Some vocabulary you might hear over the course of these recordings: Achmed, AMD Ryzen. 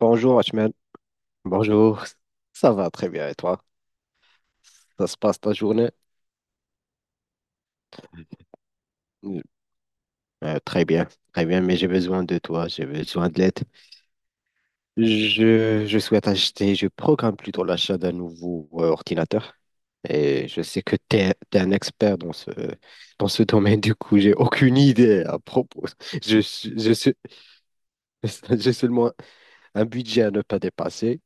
Bonjour Achmed. Bonjour. Ça va très bien et toi? Ça se passe ta journée? Mm, Très bien, très bien, mais j'ai besoin de toi, j'ai besoin de l'aide. Je souhaite acheter, je programme plutôt l'achat d'un nouveau ordinateur. Et je sais que tu es, un expert dans ce domaine, du coup, j'ai aucune idée à propos. Je, suis- je suis, j'ai seulement un budget à ne pas dépasser.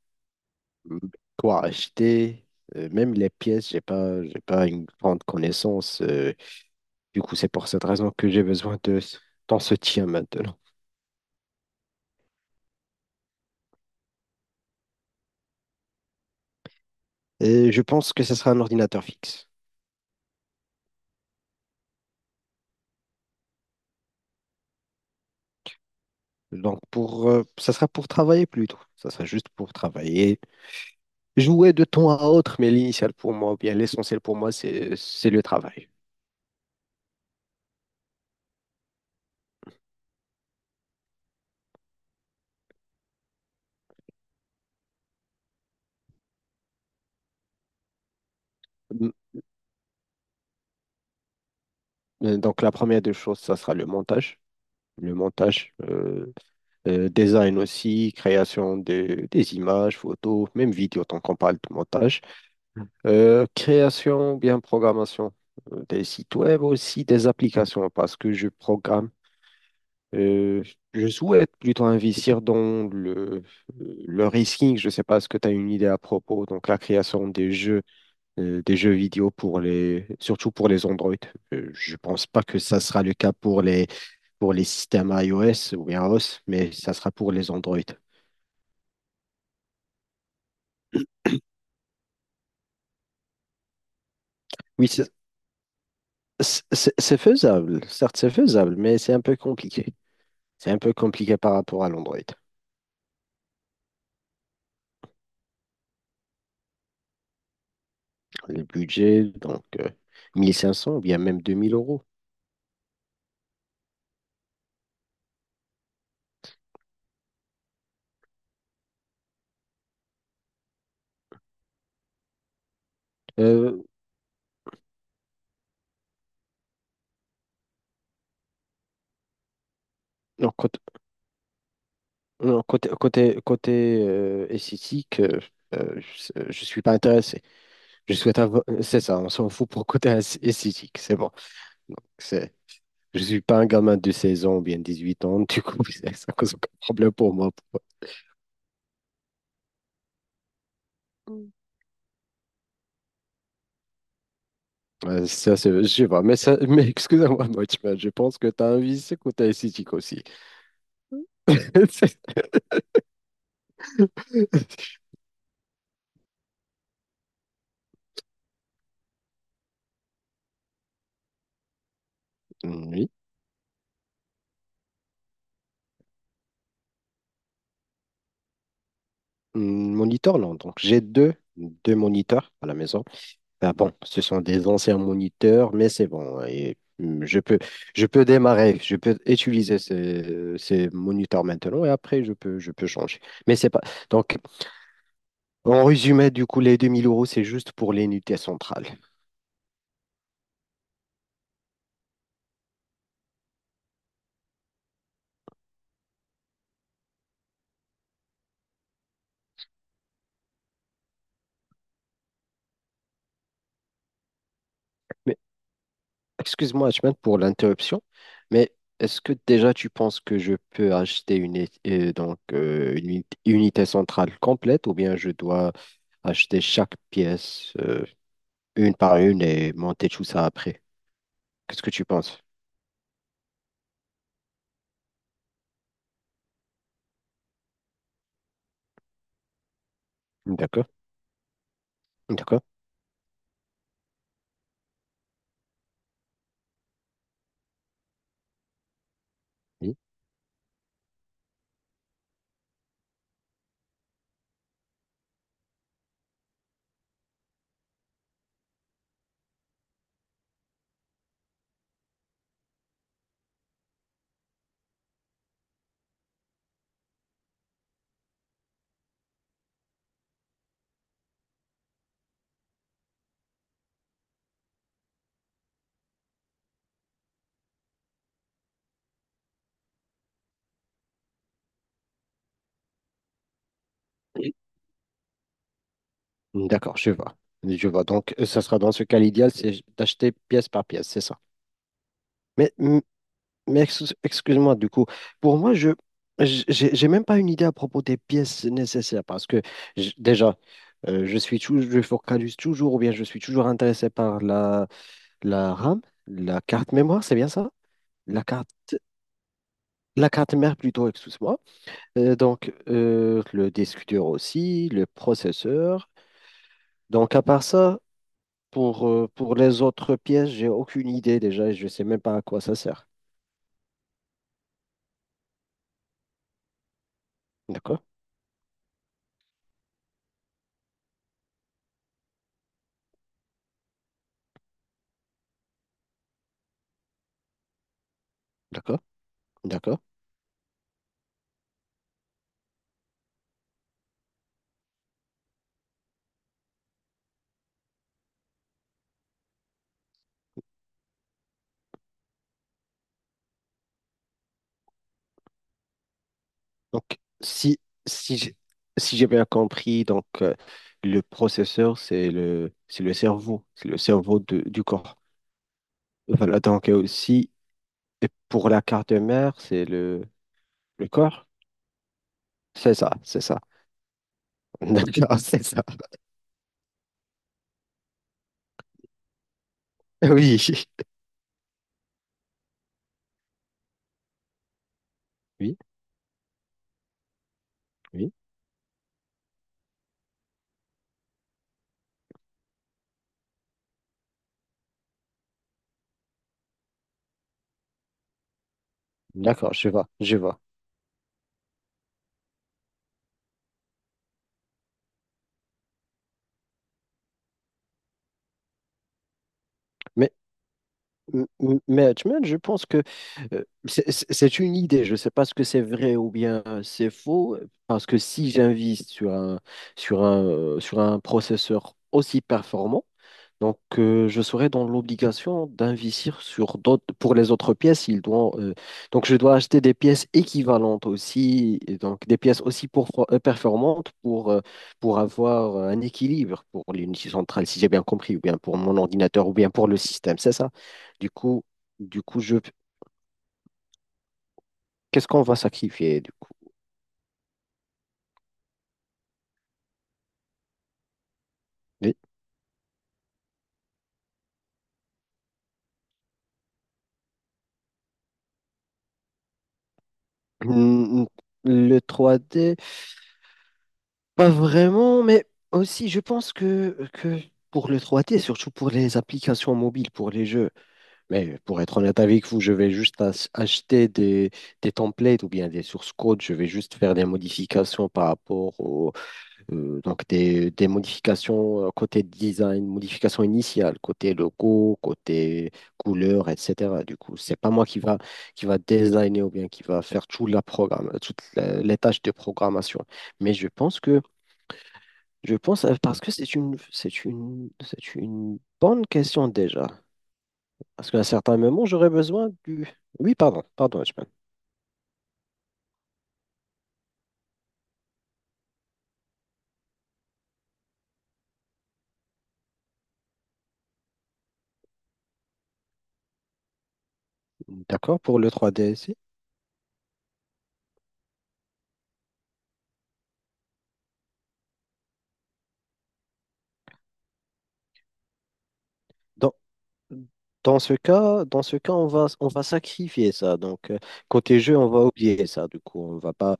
Mm, Quoi acheter? Même les pièces, j'ai pas une grande connaissance. Du coup, c'est pour cette raison que j'ai besoin de ton soutien maintenant. Et je pense que ce sera un ordinateur fixe. Donc, ça sera pour travailler plutôt. Ça sera juste pour travailler. Jouer de temps à autre, mais l'initial pour moi, ou bien l'essentiel pour moi, c'est le travail. Mm. Donc, la première des choses, ça sera le montage. Le montage. Design aussi, création des images, photos, même vidéo, tant qu'on parle de montage. Création, bien programmation des sites web aussi, des applications, parce que je programme. euh, je souhaite plutôt investir dans le risking. Je ne sais pas ce que tu as une idée à propos. Donc, la création des jeux vidéo surtout pour les Android. Je ne pense pas que ça sera le cas pour les systèmes iOS ou bien iOS, mais ça sera pour les Android. Oui, c'est faisable, certes c'est faisable, mais c'est un peu compliqué. C'est un peu compliqué par rapport à l'Android. Le budget, donc 1500 ou bien même 2000 euros. Euh, non, côté, non, côté esthétique, euh, je ne suis pas intéressé. Je souhaite avoir. C'est ça, on s'en fout pour côté esthétique, c'est bon. Donc, c'est. Je ne suis pas un gamin de 16 ans ou bien 8 ans, du coup, c'est un problème pour moi. Ça, c'est, je sais pas, mais excusez-moi, Watchman, je pense que tu as un vice côté aussi. C'est. Mm. Oui. Mm. Moniteur, non. Donc, j'ai deux moniteurs à la maison. Ah bon, ce sont des anciens moniteurs, mais c'est bon. Et, je peux démarrer, je peux utiliser ces moniteurs maintenant et après, je peux changer. Mais c'est pas. Donc, en résumé, du coup, les 2000 euros, c'est juste pour l'unité centrale. Excuse-moi, Ahmed, pour l'interruption, mais est-ce que déjà tu penses que je peux acheter une unité centrale complète ou bien je dois acheter chaque pièce une par une et monter tout ça après? Qu'est-ce que tu penses? D'accord, d'accord, oui. Oui. D'accord, je vois. Je vois. Donc, ça sera dans ce cas l'idéal, c'est d'acheter pièce par pièce, c'est ça. Mais, excuse-moi, du coup, pour moi, j'ai même pas une idée à propos des pièces nécessaires parce que déjà, je suis toujours, je focalise toujours ou bien je suis toujours intéressé par la RAM, la carte mémoire, c'est bien ça? La carte, la carte mère plutôt, excuse-moi. Donc, le disque dur aussi, le processeur. Donc, à part ça, pour les autres pièces, j'ai aucune idée déjà et je sais même pas à quoi ça sert. D'accord. D'accord, d'accord. Donc, si, si j'ai si j'ai bien compris, donc, le processeur, c'est le cerveau, c'est le cerveau du corps. Voilà, donc aussi, et pour la carte mère, c'est le corps? C'est ça, c'est ça. D'accord, c'est ça. Oui, oui, oui. D'accord, je vois, je vois. Mais, mais tu vois, je pense que c'est une idée. Je ne sais pas ce que c'est vrai ou bien c'est faux, parce que si j'invite sur un, sur un processeur aussi performant, donc, je serai dans l'obligation d'investir sur d'autres, pour les autres pièces, ils doivent, donc je dois acheter des pièces équivalentes aussi, et donc des pièces aussi performantes pour avoir un équilibre pour l'unité centrale, si j'ai bien compris, ou bien pour mon ordinateur, ou bien pour le système, c'est ça. Du coup, du coup, qu'est-ce qu'on va sacrifier, du coup? Le, le 3D. Pas vraiment, mais aussi je pense que pour le 3D surtout pour les applications mobiles, pour les jeux, mais pour être honnête avec vous, je vais juste acheter des templates ou bien des sources codes, je vais juste faire des modifications par rapport des modifications côté design, modifications initiales, côté logo, côté couleur, etc. Du coup, c'est pas moi qui va designer ou bien qui va faire tout la programme, toutes les tâches de programmation. Mais je pense parce que c'est une c'est une bonne question déjà. Parce qu'à un certain moment, j'aurais besoin du. Oui, pardon, pardon, Hachman. D'accord, pour le 3D ici. Dans, dans ce cas, on va sacrifier ça. Donc, côté jeu, on va oublier ça. Du coup, on va pas.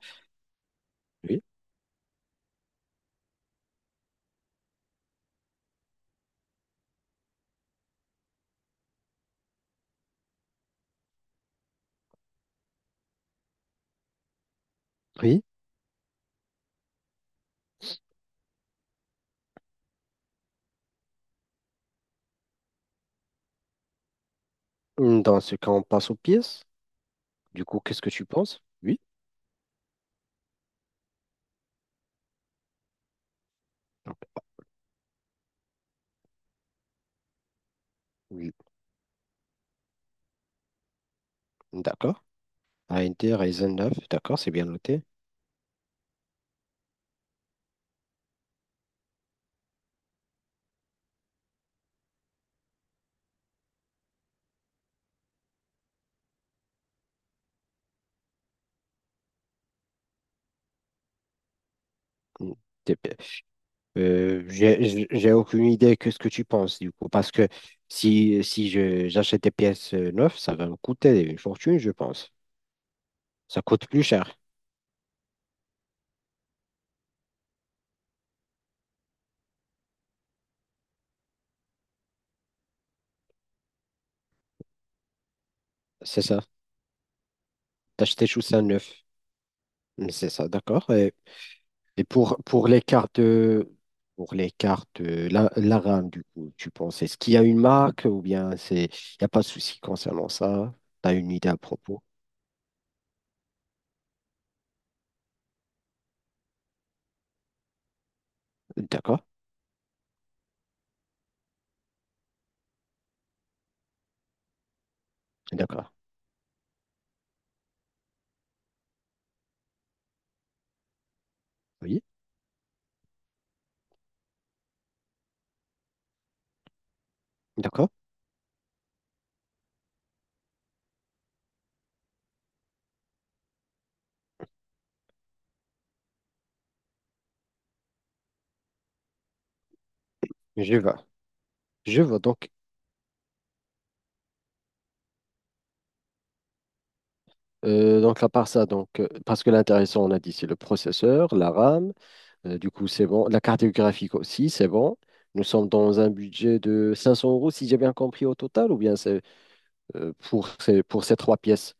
Oui. Oui. Dans ce cas, on passe aux pièces. Du coup, qu'est-ce que tu penses? Oui. Oui. D'accord. AMD Ryzen 9, d'accord, c'est bien noté. Mm. T'es. J'ai aucune idée que ce que tu penses du coup, parce que si j'achète des pièces neuves, ça va me coûter une fortune, je pense. Ça coûte plus cher, c'est ça. D'acheter tout ça neuf, c'est ça, d'accord. Et pour les cartes, la RAM, du coup, tu penses, est-ce qu'il y a une marque ou bien c'est, il n'y a pas de souci concernant ça? Tu as une idée à propos? D'accord, d'accord, oui, d'accord, je vois, je vois. Donc, à part ça, donc, parce que l'intéressant, on a dit, c'est le processeur, la RAM, du coup, c'est bon. La carte graphique aussi, c'est bon. Nous sommes dans un budget de 500 euros, si j'ai bien compris, au total, ou bien c'est pour ces trois pièces?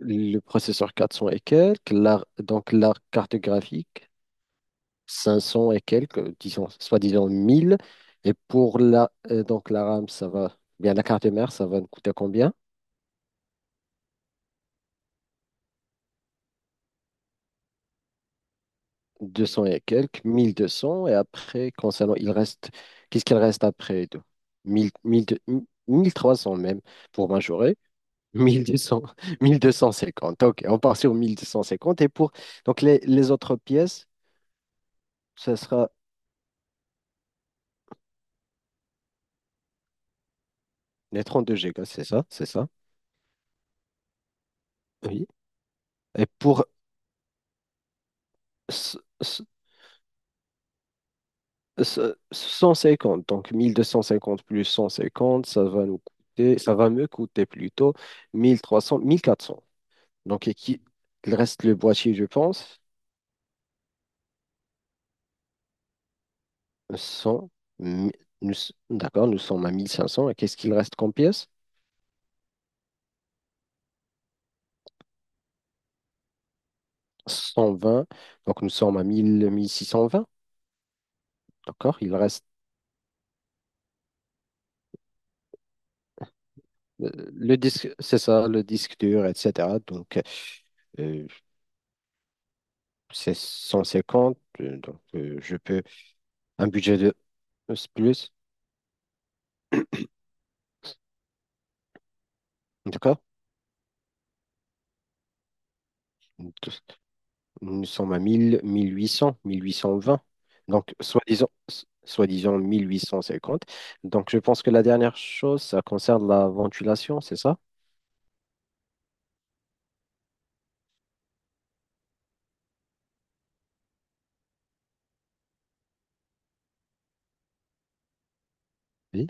Le processeur 400 et quelques, donc l'art cartographique 500 et quelques, disons, soi-disant 1000. Et pour la RAM, ça va, bien la carte mère, ça va nous coûter combien? 200 et quelques, 1200. Et après, concernant, il reste, qu'est-ce qu'il reste après? De. 1000, 1000, 1300 même pour majorer. 1200, 1250. Ok, on part sur 1250. Et pour donc les autres pièces, ce sera les 32 gigas, c'est ça? C'est ça? Oui. Et pour ce- ce- 150, donc 1250 plus 150 ça va me coûter plutôt 1300, 1400. Donc, et qui, il reste le boîtier, je pense, 100 mi- nous s- d'accord, nous sommes à 1500. Et qu'est-ce qu'il reste comme pièce? 120. Donc nous sommes à mille six cent vingt, d'accord? Il reste le disque, c'est ça, le disque dur, etc. Donc, euh, c'est 150, donc je peux un budget de. C'est plus, en tout cas. Nous sommes à 1000, 1800, 1820. Donc, soi-disant, soi-disant 1850. Donc, je pense que la dernière chose, ça concerne la ventilation, c'est ça? Oui.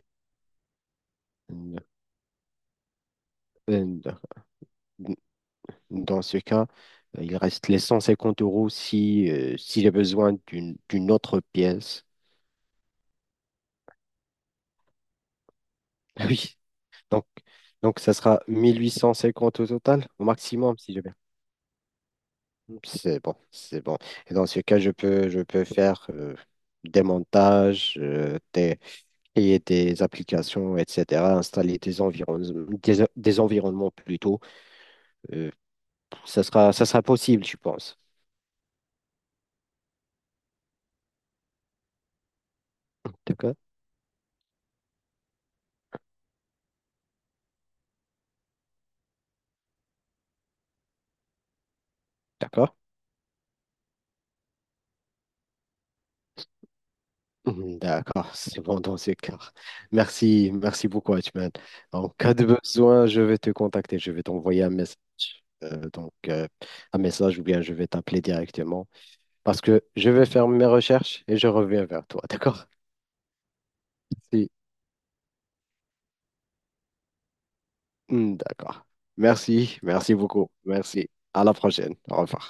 Euh, Dans ce cas, il reste les 150 euros si, si j'ai besoin d'une autre pièce. Oui. Donc, donc, ça sera 1850 au total, au maximum, si j'ai bien. C'est bon, c'est bon. Et dans ce cas, je peux faire des montages, créer des applications, etc., installer des environnements, des environnements plutôt. Euh, ça sera possible, je pense. D'accord? D'accord? Mhm. D'accord, c'est bon dans ce cas. Merci, merci beaucoup, Hachman. En cas de besoin, je vais te contacter, je vais t'envoyer un message. Donc, un message ou bien je vais t'appeler directement. Parce que je vais faire mes recherches et je reviens vers toi, d'accord? Si. Hmm. D'accord. Merci, merci beaucoup. Merci. À la prochaine. Au revoir.